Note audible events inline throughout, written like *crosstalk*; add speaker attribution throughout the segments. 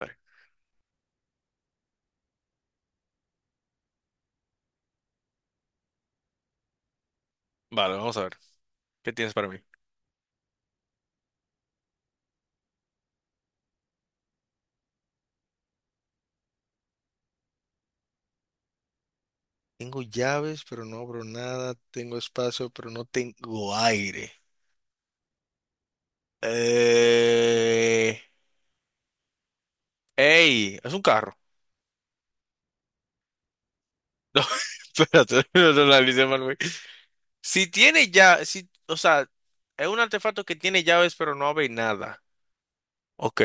Speaker 1: Vale. Vale, vamos a ver. ¿Qué tienes para mí? Tengo llaves, pero no abro nada. Tengo espacio, pero no tengo aire. Eh... ¡Ey! Es un carro. *laughs* No, espérate, *laughs* no lo analicé mal, güey. Si tiene ya, si, o sea, es un artefacto que tiene llaves, pero no abre nada. Ok.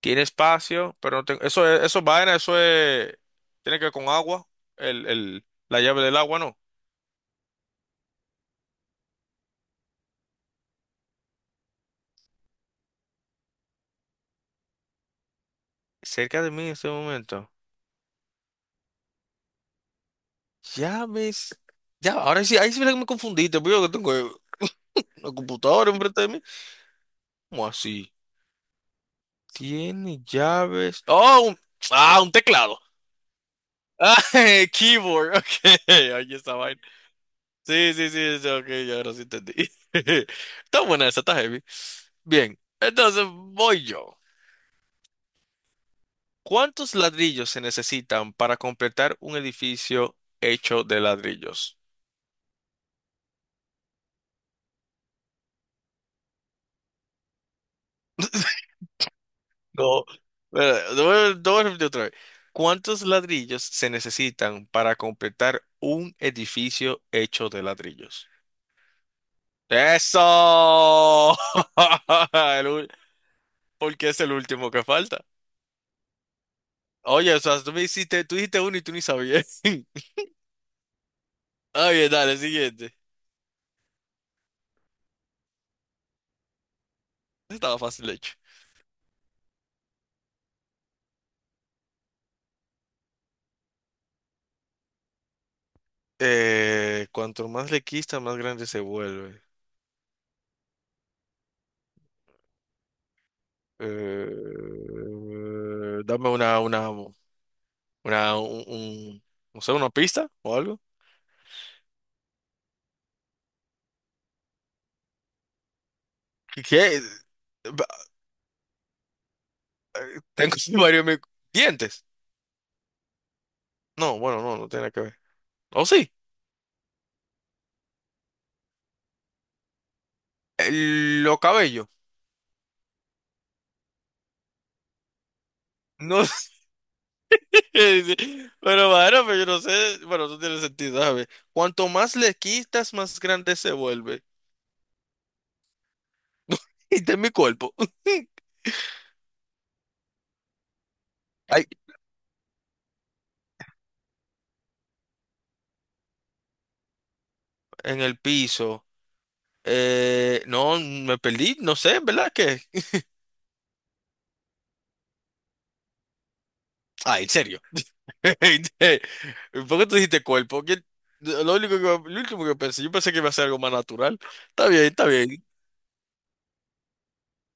Speaker 1: Tiene espacio, pero no tengo. Eso es vaina, eso es. Tiene que ver con agua. La llave del agua, ¿no? Cerca de mí en este momento. Ya ves. Ya, ahora sí, ahí sí me confundiste, porque yo que tengo una computadora enfrente de mí. ¿Cómo así? Tiene llaves. Ah, un teclado. Ah, *laughs* keyboard. Ok, ahí está vaina. Sí, sí, sí, sí, ok, ya ahora sí entendí. *laughs* Está buena esa, está heavy. Bien, entonces voy yo. ¿Cuántos ladrillos se necesitan para completar un edificio hecho de ladrillos? No, lo voy a repetir otra vez. ¿Cuántos ladrillos se necesitan para completar un edificio hecho de ladrillos? ¡Eso! *laughs* El ul- Porque es el último que falta. Oye, o sea, tú dijiste uno y tú ni sabías. *laughs* Ah, bien, dale, siguiente. Estaba fácil hecho. Cuanto más le quita, más grande se vuelve. Eh, dame una, un, un- no sé, una pista o algo. ¿Qué? ¿qué? Ba- Tengo *laughs* varios mi- dientes. No, bueno, no, no tiene que ver. ¿O sí? Los cabellos. No *laughs* sé. Pero bueno, bueno, pero yo no sé. Bueno, eso tiene sentido, ¿sabes? Cuanto más le quitas, más grande se vuelve. *laughs* Y de mi cuerpo. *laughs* Ay, en el piso. No, me perdí. No sé, ¿verdad? ¿Qué? Ah, en serio. *laughs* ¿Por qué tú dijiste cuerpo? Lo único que, lo último que pensé, yo pensé que iba a ser algo más natural. Está bien, está bien.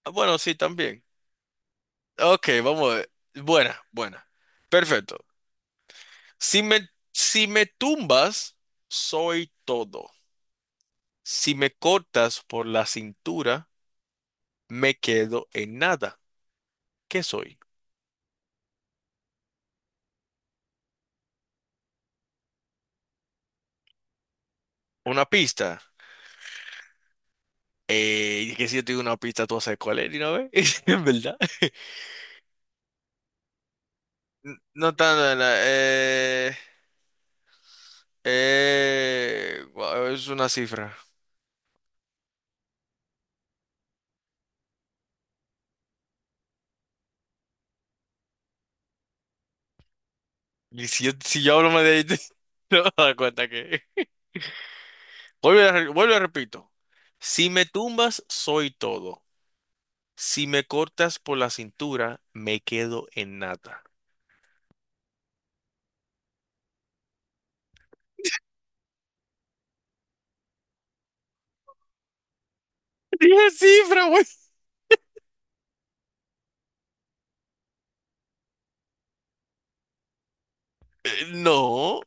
Speaker 1: Ah, bueno, sí, también. Ok, vamos a ver. Buena, buena. Perfecto. Si me tumbas, soy todo. Si me cortas por la cintura, me quedo en nada. ¿Qué soy? Una pista. Que si yo te digo una pista, tú sabes cuál es, ¿no ves? *laughs* ¿En verdad? No tan... no, no, guau, es una cifra. Si yo hablo más de ahí, *laughs* te vas a dar cuenta que... vuelvo y repito. Si me tumbas, soy todo. Si me cortas por la cintura, me quedo en nada. *laughs* Dije cifra, güey. No,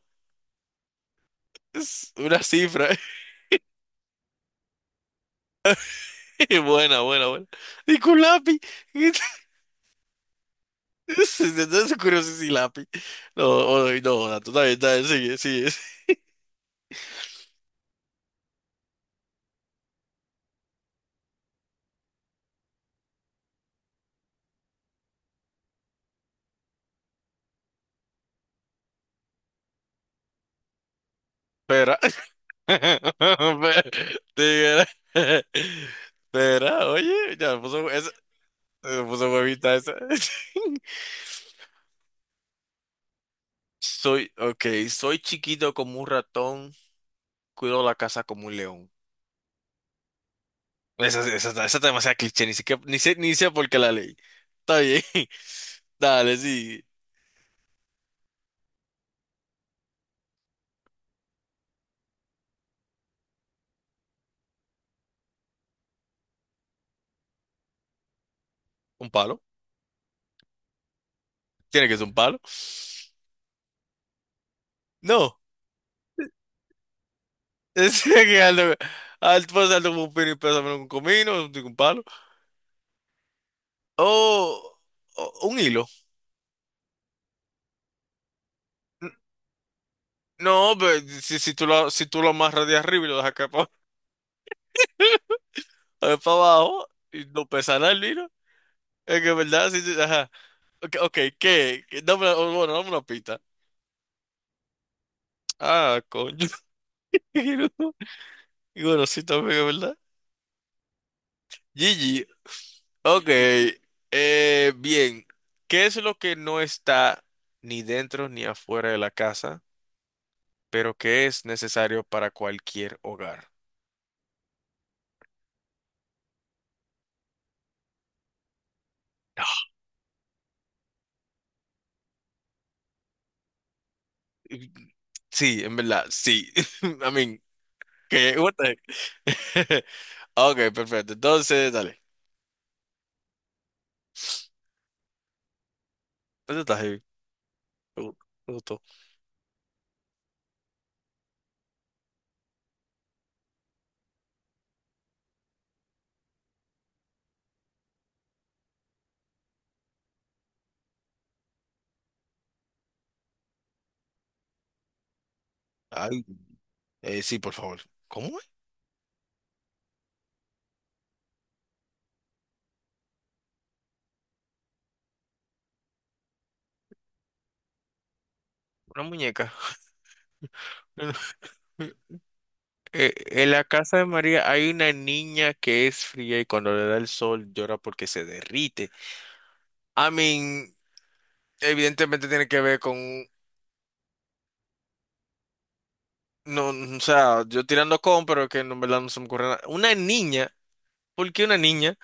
Speaker 1: es una cifra. *laughs* Buena, buena, buena. Y con lápiz. *laughs* Entonces, curioso si lápiz. No, no, no, no, tú también, está bien, sigue, sigue. Espera. *laughs* Te Espera, oye, ya me puso, me puso huevita esa. *laughs* Soy chiquito como un ratón, cuido la casa como un león. Esa está demasiado cliché, ni siquiera, ni sé, ni sé por qué la leí. Está bien. *laughs* Dale, sí. ¿Un palo? ¿Tiene que ser un palo? No. *laughs* Es que alto, alto, pues, alto como un pino y pésame un comino, un palo. O, o un hilo. No, pero si, si tú lo amarras de arriba y lo dejas acá para, abajo y no pesa nada el hilo, es que verdad, sí, sí, ajá. Ok, okay, ¿qué? ¿Qué? Dame una pista. Ah, coño. *laughs* Y bueno, sí, también es verdad. Gigi, ok. Bien, ¿qué es lo que no está ni dentro ni afuera de la casa, pero que es necesario para cualquier hogar? Y- Sí, en verdad, sí. *laughs* I mean, ¿qué? What the heck? *laughs* Ok, perfecto. Entonces, dale. ¿Dónde estás, Javi? Pregun- Preguntó. Ay, sí, por favor. ¿Cómo es? Una muñeca. *laughs* Eh, en la casa de María hay una niña que es fría y cuando le da el sol llora porque se derrite. I mean, evidentemente tiene que ver con, no, o sea, yo tirando con, pero que no, en verdad no se me ocurre nada. Una niña, ¿por qué una niña?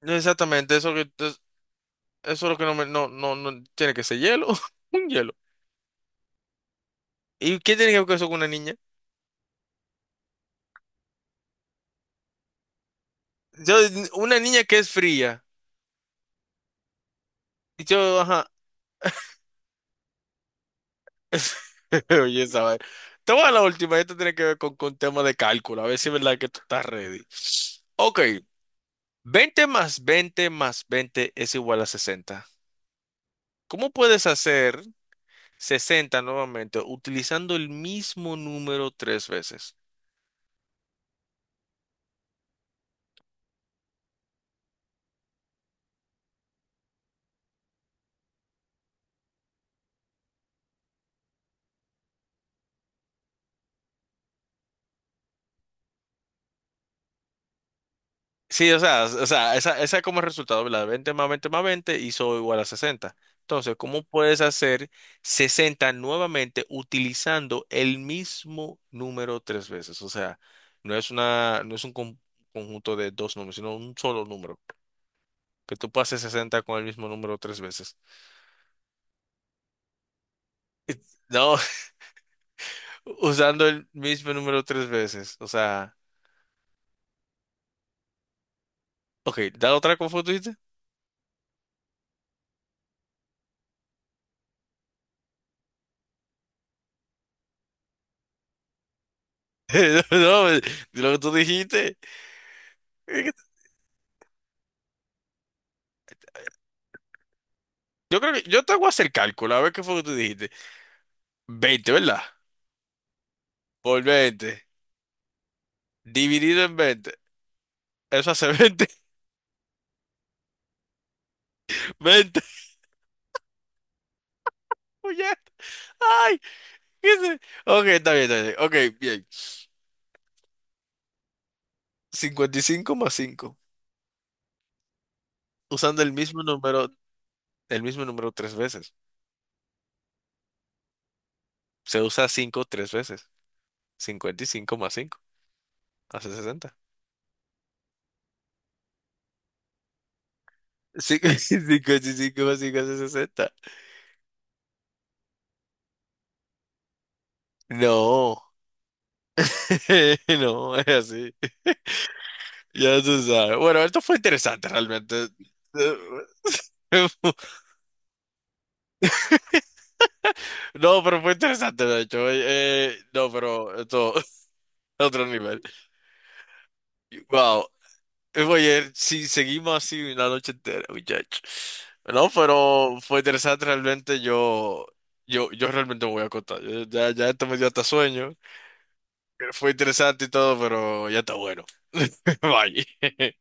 Speaker 1: No exactamente, eso es lo que no me, no, no, no tiene que ser hielo, *laughs* un hielo. ¿Y qué tiene que ver eso con una niña? Yo, una niña que es fría. Y yo, ajá. *laughs* Oye, esa vaina. Te voy a la última, esto tiene que ver con tema de cálculo, a ver si es verdad que tú estás ready. Ok, 20 más 20 más 20 es igual a 60. ¿Cómo puedes hacer 60 nuevamente utilizando el mismo número tres veces? Sí, o sea, esa como resultado, ¿verdad? 20 más 20, más 20 hizo igual a 60. Entonces, ¿cómo puedes hacer 60 nuevamente utilizando el mismo número tres veces? O sea, no es un conjunto de dos números, sino un solo número. Que tú pases 60 con el mismo número tres veces. Eh, No, *laughs* usando el mismo número tres veces. O sea, ok, da otra como tú dijiste. *laughs* No, lo que tú dijiste. Yo creo que yo te hago hacer el cálculo, a ver qué fue lo que tú dijiste. 20, ¿verdad? Por 20 dividido en 20. Eso hace 20, *laughs* 20. Oye, ay, qué sé. Ok, está bien, está bien. Ok, bien. 55 más 5, usando el mismo número tres veces. Se usa cinco tres veces. 55 más 5 hace 60. Sí, *laughs* 55 más 5 hace 60. No, *laughs* no, es así. Ya se sabe. Bueno, esto fue interesante realmente. Eh, *laughs* no, pero fue interesante, de hecho. No, pero esto *laughs* otro nivel. Wow. Oye, si seguimos así una noche entera, muchacho. No, pero fue interesante realmente. Yo realmente me voy a contar. Ya, ya esto me dio hasta sueño. Fue interesante y todo, pero ya está bueno. *laughs* Bye.